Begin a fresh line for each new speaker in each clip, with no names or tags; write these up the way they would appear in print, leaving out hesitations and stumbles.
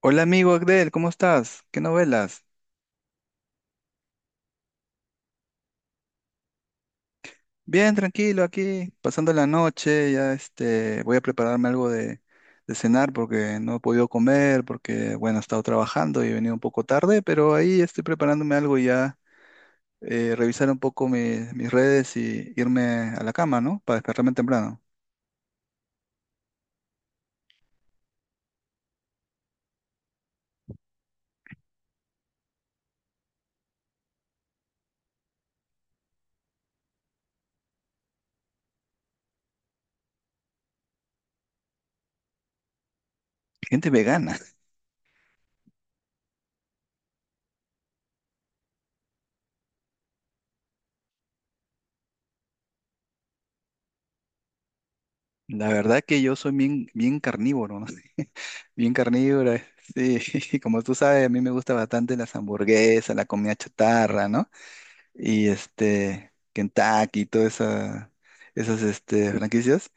Hola amigo Agdel, ¿cómo estás? ¿Qué novelas? Bien, tranquilo, aquí pasando la noche, ya voy a prepararme algo de cenar porque no he podido comer, porque bueno, he estado trabajando y he venido un poco tarde, pero ahí estoy preparándome algo y ya, revisar un poco mis redes y irme a la cama, ¿no? Para despertarme temprano. Gente vegana. La verdad que yo soy bien, bien carnívoro, ¿no? Bien carnívoro. Sí, como tú sabes, a mí me gusta bastante las hamburguesas, la comida chatarra, ¿no? Y este Kentucky y todas esas franquicias.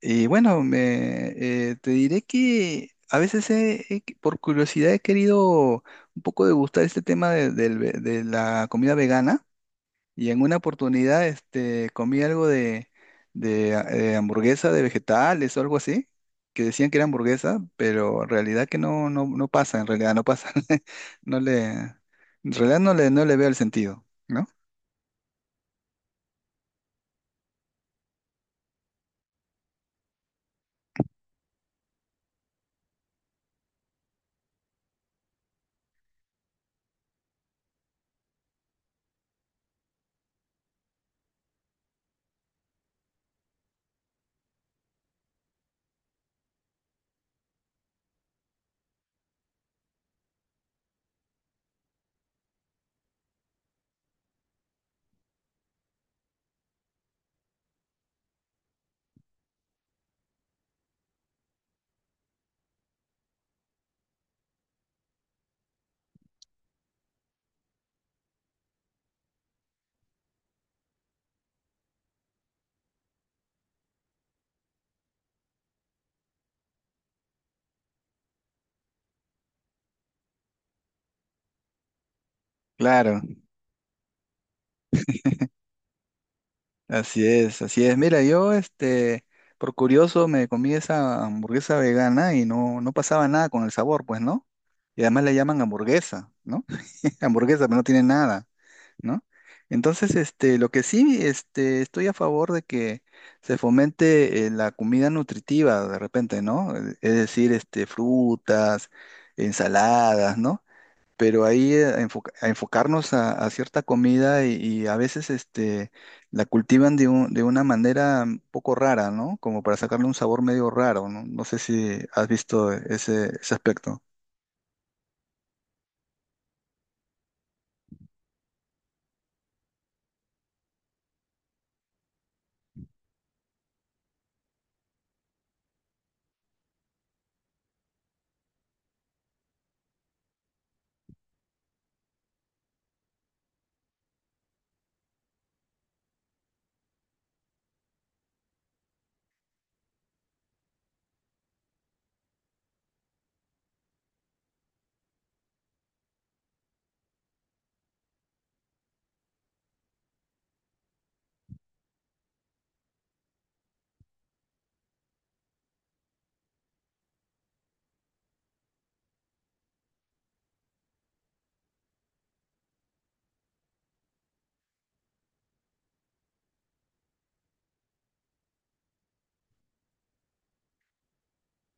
Y bueno, te diré que a veces por curiosidad he querido un poco degustar este tema de la comida vegana y en una oportunidad comí algo de hamburguesa de vegetales o algo así. Que decían que era hamburguesa, pero en realidad que no, no, no pasa, en realidad no pasa. En realidad no le veo el sentido, ¿no? Claro. Así es, así es. Mira, yo, por curioso, me comí esa hamburguesa vegana y no, no pasaba nada con el sabor, pues, ¿no? Y además le llaman hamburguesa, ¿no? Hamburguesa, pero no tiene nada, ¿no? Entonces, lo que sí, estoy a favor de que se fomente la comida nutritiva de repente, ¿no? Es decir, frutas, ensaladas, ¿no? Pero ahí a enfocarnos a cierta comida y a veces la cultivan de una manera un poco rara, ¿no? Como para sacarle un sabor medio raro, ¿no? No sé si has visto ese aspecto.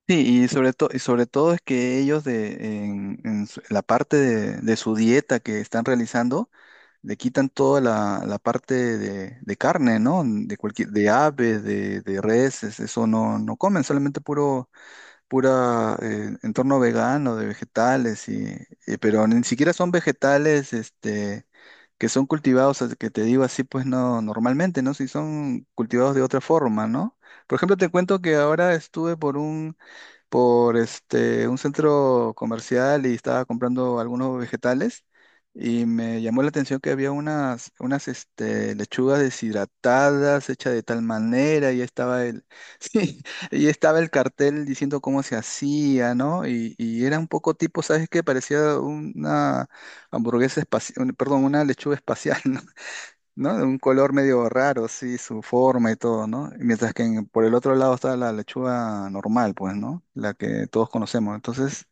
Sí, y sobre todo es que ellos de, en su- la parte de su dieta que están realizando, le quitan toda la parte de carne, ¿no? De cualquier, de ave, de res, eso no, no comen, solamente puro pura entorno vegano de vegetales pero ni siquiera son vegetales que son cultivados, que te digo así, pues no, normalmente, ¿no? Si son cultivados de otra forma, ¿no? Por ejemplo, te cuento que ahora estuve por un centro comercial y estaba comprando algunos vegetales y me llamó la atención que había unas lechugas deshidratadas hechas de tal manera y estaba sí, y estaba el cartel diciendo cómo se hacía, ¿no? Y era un poco tipo, ¿sabes qué? Parecía una hamburguesa espacial, perdón, una lechuga espacial, ¿no? De un color medio raro, sí, su forma y todo, ¿no? Y mientras que por el otro lado está la lechuga normal, pues, ¿no? La que todos conocemos. Entonces,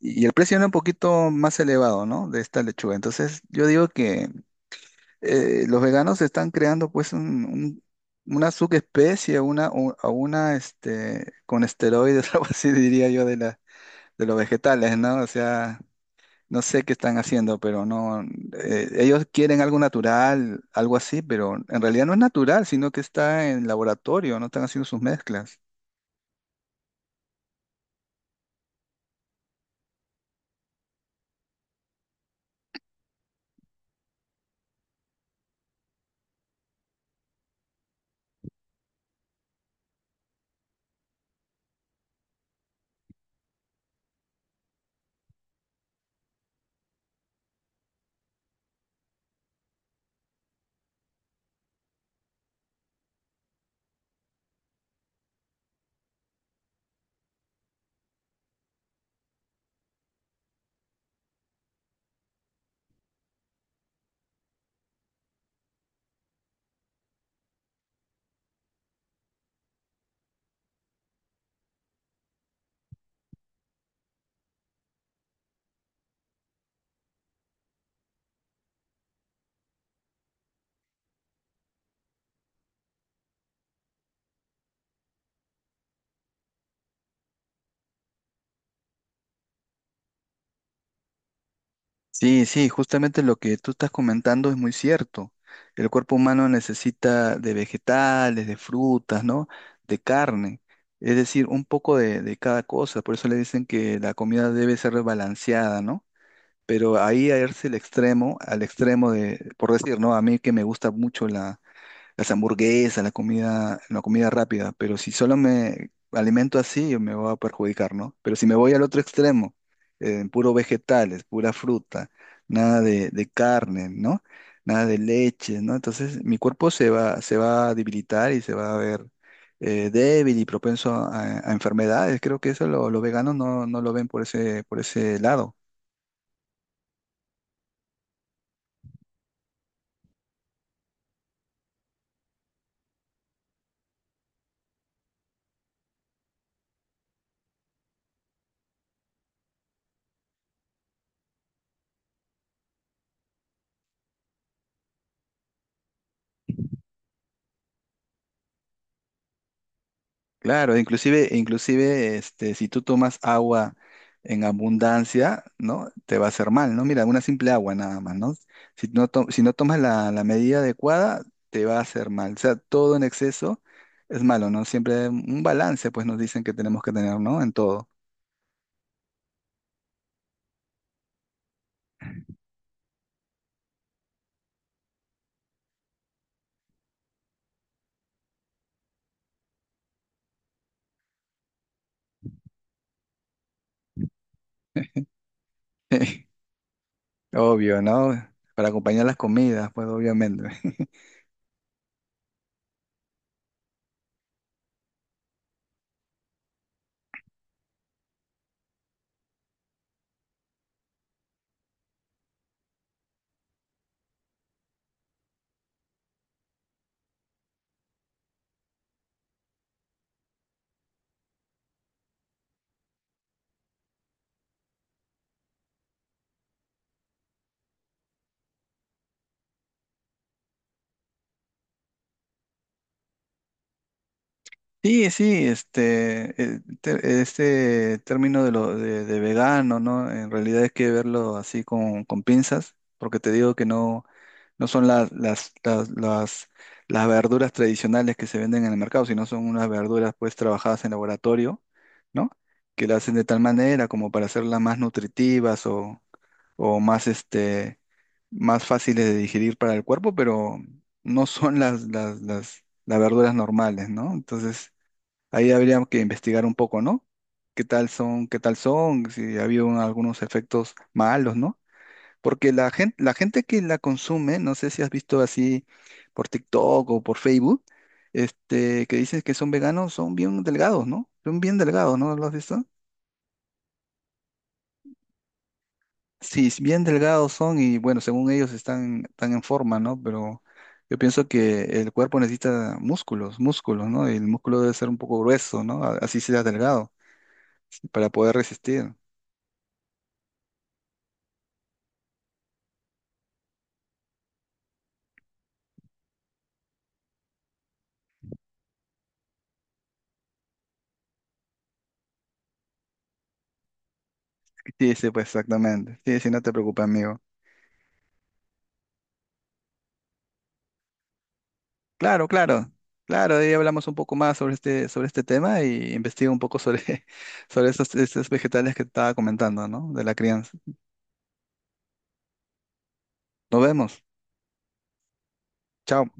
y el precio era un poquito más elevado, ¿no? De esta lechuga. Entonces, yo digo que los veganos están creando, pues, una subespecie, una, u- a una, este, con esteroides, algo así diría yo, de los vegetales, ¿no? O sea, no sé qué están haciendo, pero no. Ellos quieren algo natural, algo así, pero en realidad no es natural, sino que está en laboratorio, no están haciendo sus mezclas. Sí, sí, justamente lo que tú estás comentando es muy cierto. El cuerpo humano necesita de vegetales, de frutas, ¿no? De carne, es decir, un poco de cada cosa. Por eso le dicen que la comida debe ser balanceada, ¿no? Pero ahí a irse al extremo de, por decir, ¿no? A mí que me gusta mucho las hamburguesas, la comida rápida, pero si solo me alimento así, yo me voy a perjudicar, ¿no? Pero si me voy al otro extremo, puro vegetales, pura fruta, nada de carne, ¿no? Nada de leche, ¿no? Entonces mi cuerpo se va a debilitar y se va a ver débil y propenso a enfermedades. Creo que eso los veganos no, no lo ven por ese lado. Claro, inclusive, si tú tomas agua en abundancia, ¿no? Te va a hacer mal, ¿no? Mira, una simple agua nada más, ¿no? Si no tomas la medida adecuada, te va a hacer mal. O sea, todo en exceso es malo, ¿no? Siempre un balance, pues nos dicen que tenemos que tener, ¿no? En todo. Obvio, ¿no? Para acompañar las comidas, pues obviamente. Sí, sí, este término de vegano, ¿no? En realidad hay que verlo así con pinzas, porque te digo que no, no son las verduras tradicionales que se venden en el mercado, sino son unas verduras pues trabajadas en laboratorio, ¿no? Que las hacen de tal manera como para hacerlas más nutritivas o más más fáciles de digerir para el cuerpo, pero no son las verduras normales, ¿no? Entonces, ahí habría que investigar un poco, ¿no? ¿Qué tal son, qué tal son? Si ha habido algunos efectos malos, ¿no? Porque la gente que la consume, no sé si has visto así por TikTok o por Facebook, que dicen que son veganos, son bien delgados, ¿no? Son bien delgados, ¿no? ¿Lo has visto? Sí, es bien delgados son y bueno, según ellos están en forma, ¿no? Pero yo pienso que el cuerpo necesita músculos, músculos, ¿no? Y el músculo debe ser un poco grueso, ¿no? Así sea delgado, para poder resistir. Sí, sí, pues exactamente. Sí, sí, no te preocupes, amigo. Claro, claro, claro, ahí hablamos un poco más sobre este tema y investigo un poco sobre, sobre estos vegetales que te estaba comentando, ¿no? De la crianza. Nos vemos. Chao.